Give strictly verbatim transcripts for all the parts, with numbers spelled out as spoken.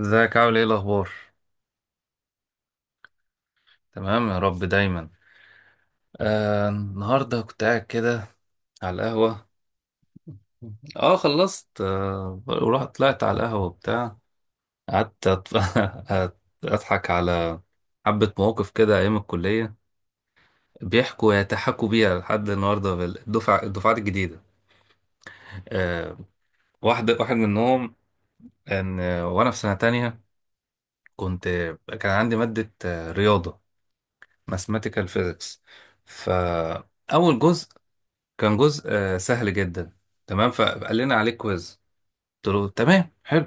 ازيك، عامل ايه، الاخبار؟ تمام يا رب دايما. آه النهارده كنت قاعد كده على القهوه. اه، خلصت، آه ورحت طلعت على القهوه وبتاع، قعدت، أت- اضحك على حبه مواقف كده ايام الكليه. بيحكوا يتحكوا بيها لحد النهارده بالدفع الدفعات الجديده. آه واحد واحد منهم، ان وانا في سنه تانية كنت كان عندي ماده آه، رياضه، ماثيماتيكال فيزيكس. ف اول جزء كان جزء آه، سهل جدا. تمام، فقال لنا عليه كويز. قلت له تمام، حلو.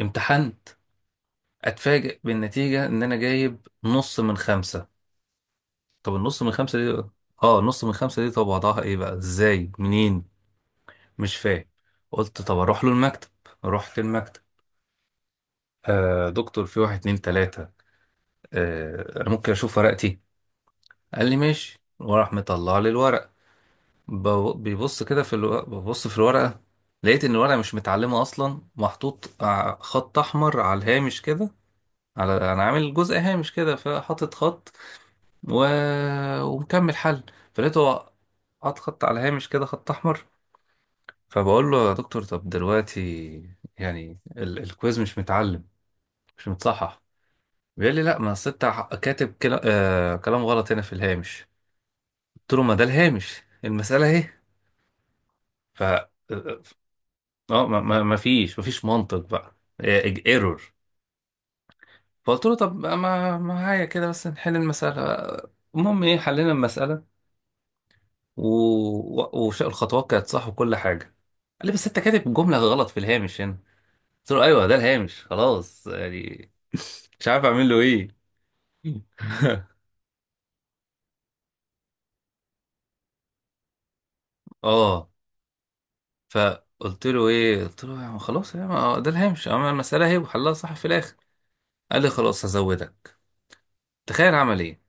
امتحنت. اتفاجئ بالنتيجة ان انا جايب نص من خمسة. طب النص من خمسة دي، اه نص من خمسة دي، طب وضعها ايه بقى؟ ازاي؟ منين؟ مش فاهم. قلت طب اروح له المكتب. رحت المكتب. آه دكتور، في واحد، اتنين، تلاتة. آه انا ممكن اشوف ورقتي؟ قال لي ماشي، وراح مطلع لي الورق. ب- بيبص كده في الو... ببص في الورقة. لقيت ان الورقة مش متعلمة اصلا، محطوط ع- خط احمر على الهامش كده، على انا عامل جزء هامش كده فحاطط خط و... ومكمل حل. فلقيته هو حاط خط على هامش كده، خط احمر. فبقول له يا دكتور، طب دلوقتي يعني ال... الكويز مش متعلم، مش متصحح. بيقول لي لا، ما أصل انت ح- كاتب كلا... آه... كلام غلط هنا في الهامش. قلت له ما ده الهامش، المسألة اهي. ف اه ما, ما, ما فيش ما فيش منطق بقى. ايرور. فقلت له طب ما معايا كده بس نحل المسألة. المهم ايه، حلينا المسألة و... و- وش الخطوات كانت صح وكل حاجة. قال لي بس انت كاتب جملة غلط في الهامش هنا. قلت له ايوه، ده الهامش خلاص يعني، مش عارف اعمل له ايه. اه، فقلت له ايه، قلت له يعني خلاص يعني ما- ده الهامش، اما المسألة اهي وحلها صح في الاخر. قال لي خلاص هزودك. تخيل عمل ايه؟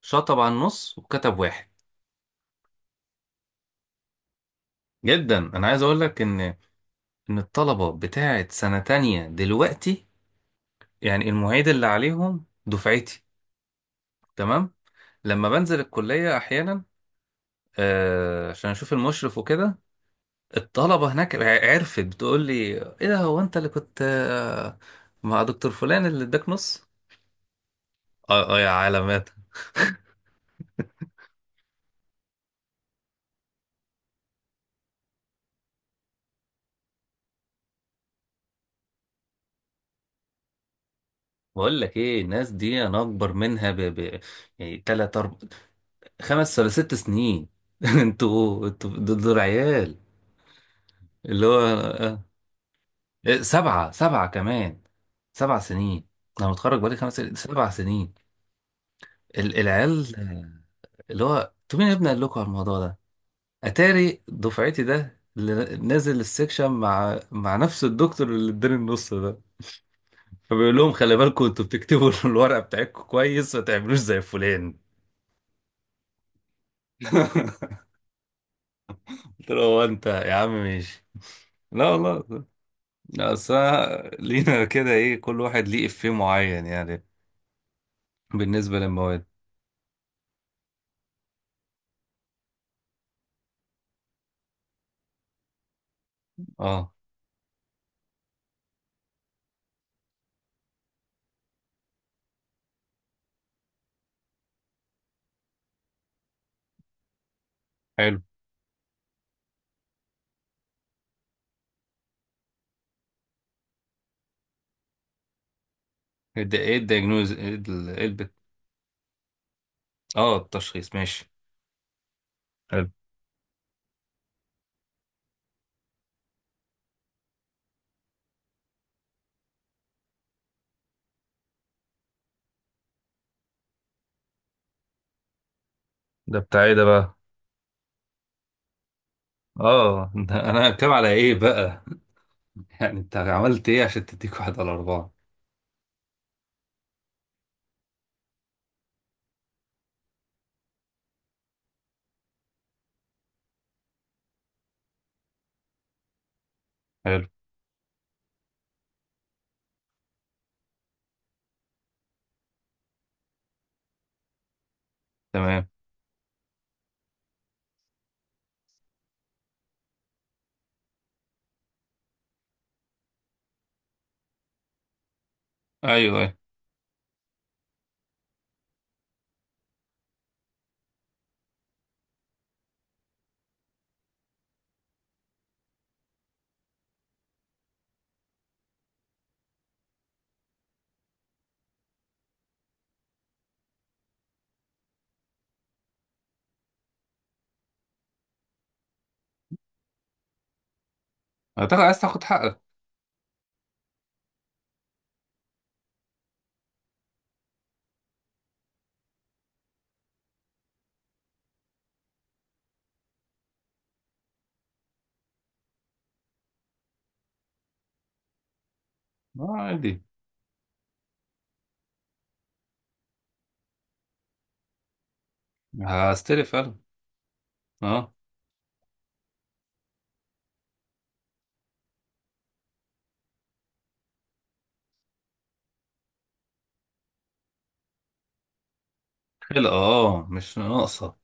شطب على النص وكتب واحد. جدا، انا عايز اقول لك ان ان الطلبه بتاعه سنه تانية دلوقتي، يعني المعيد اللي عليهم دفعتي. تمام. لما بنزل الكليه احيانا، آه عشان اشوف المشرف وكده، الطلبه هناك ع- عرفت بتقول لي، ايه ده، هو انت اللي كنت آه مع دكتور فلان اللي اداك نص؟ اه، اه، يا علامات. بقول لك ايه، الناس دي انا اكبر منها ب... ب... يعني تلات، اربع، خمس ولا ست سنين. انتوا انتوا دول عيال. اللي هو آه، إيه، سبعة سبعة كمان، سبع سنين. أنا متخرج بقالي خمس سنين، سبع سنين. ال- العيال آه، اللي هو، أنتوا مين يا ابني قال لكم على الموضوع ده؟ أتاري دفعتي ده اللي نازل السكشن مع مع نفس الدكتور اللي اداني النص ده. فبيقول لهم خلي بالكم انتوا بتكتبوا الورقة بتاعتكم كويس، ما تعملوش زي فلان. قلت له هو انت يا عم ماشي؟ لا والله. لا، اصل أنا لينا كده ايه، كل واحد ليه افيه معين يعني. بالنسبة للمواد. اه، حلو. ده ايه الدياجنوز، ايه ال- إيه البت؟ اه، التشخيص ماشي. حلو. ده بتاع ايه ده بقى؟ اه، ده انا كام على ايه بقى؟ يعني انت عملت ايه عشان تديك واحد على اربعة؟ حلو. تمام، ايوه، ايوه. هتاخد عايز تاخد حقك. اه، عادي. هستلف فعلا. اه، خلقة، اه، مش ناقصة.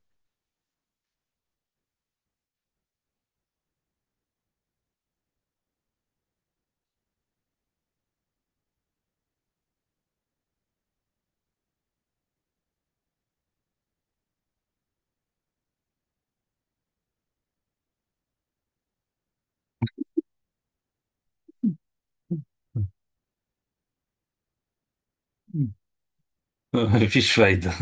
مفيش فايدة.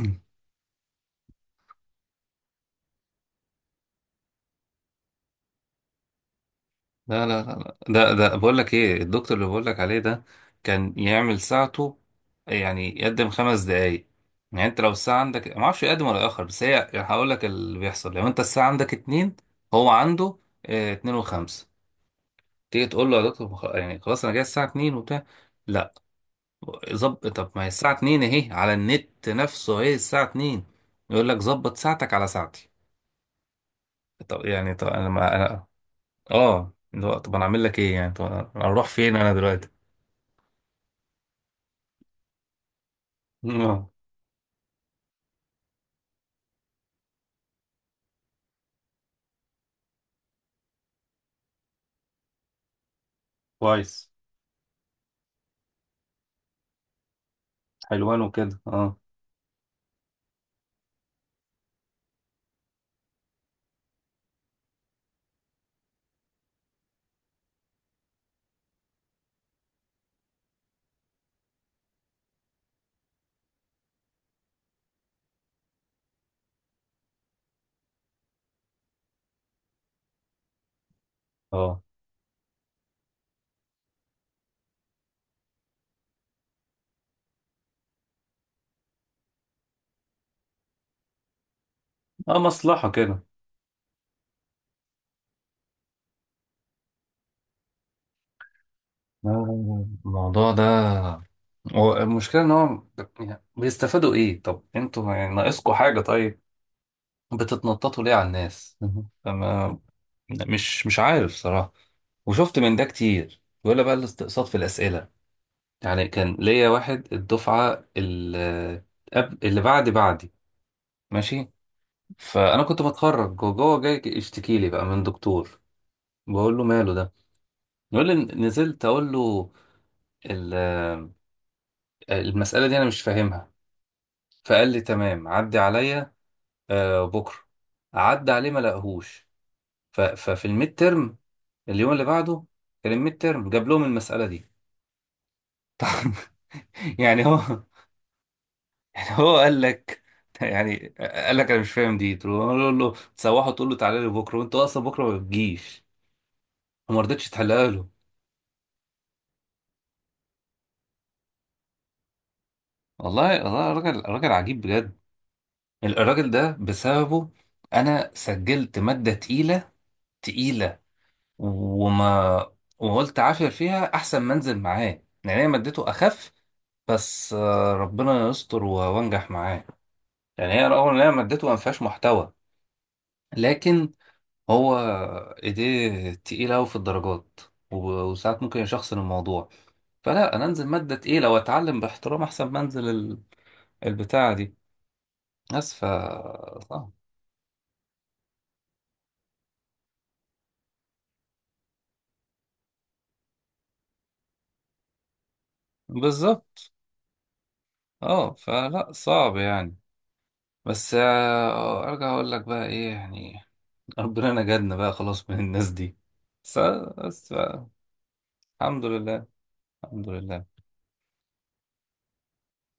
لا، لا، لا، لا. ده ده بقول لك ايه، الدكتور اللي بقول لك عليه ده كان يعمل ساعته، يعني يقدم خمس دقايق. يعني انت لو الساعة عندك ما اعرفش يقدم ولا يأخر، بس هي هقول لك اللي بيحصل، لو انت الساعة عندك اتنين، هو عنده اه اتنين وخمسة. تيجي تقول له يا دكتور خ- يعني خلاص، انا جاي الساعة اتنين وبتاع. لا، ظبط، طب ما هي الساعة اتنين اهي، على النت نفسه اهي الساعة اتنين. يقول لك ظبط ساعتك على ساعتي. طب يعني، طب انا، ما انا. اه، اللي هو طب انا اعمل لك ايه يعني، طب انا أنا اروح فين انا دلوقتي. اه، كويس. حلوان وكده، اه. اه، اه، مصلحة كده. آه، الموضوع ده، هو المشكلة ان هو يعني بيستفادوا ايه؟ طب انتوا يعني ناقصكوا حاجة؟ طيب، بتتنططوا ليه على الناس؟ فما مش مش عارف صراحة. وشفت من ده كتير، ولا بقى الاستقصاد في الأسئلة. يعني كان ليا واحد الدفعة اللي قبل، اللي بعد بعدي، ماشي. فأنا كنت بتخرج وجوه جاي يشتكي لي بقى من دكتور. بقول له ماله ده؟ بيقول لي نزلت اقول له ال- المسألة دي انا مش فاهمها، فقال لي تمام، عدي عليا آه، بكرة. عدى عليه ما لقاهوش. ف- ففي الميد ترم، اليوم اللي بعده كان الميد ترم، جاب لهم المسألة دي. يعني هو يعني هو قال لك يعني قال لك انا مش فاهم دي، تقول له أقول له- تسوحه تقول له تعالى لي بكره، وانت اصلا بكره ما بتجيش، وما رضيتش تحلها له. والله، والله راجل راجل عجيب بجد. الراجل ده بسببه انا سجلت مادة تقيلة، تقيلة. وما وقلت عافر فيها أحسن ما أنزل معاه. يعني هي مادته أخف. بس آه، ربنا يستر و- وأنجح معاه. يعني هي رغم إن هي مادته ما فيهاش محتوى، لكن هو إيديه تقيلة أوي في الدرجات و- وساعات ممكن يشخصن الموضوع. فلا، أنا أنزل مادة تقيلة وأتعلم باحترام أحسن ما أنزل ال- البتاعة دي. بس ف صعب. بالظبط. اه، فلا صعب يعني. بس آه، ارجع اقول لك بقى ايه يعني، ربنا نجدنا بقى خلاص من الناس دي. بس، بس بقى. الحمد لله. الحمد لله.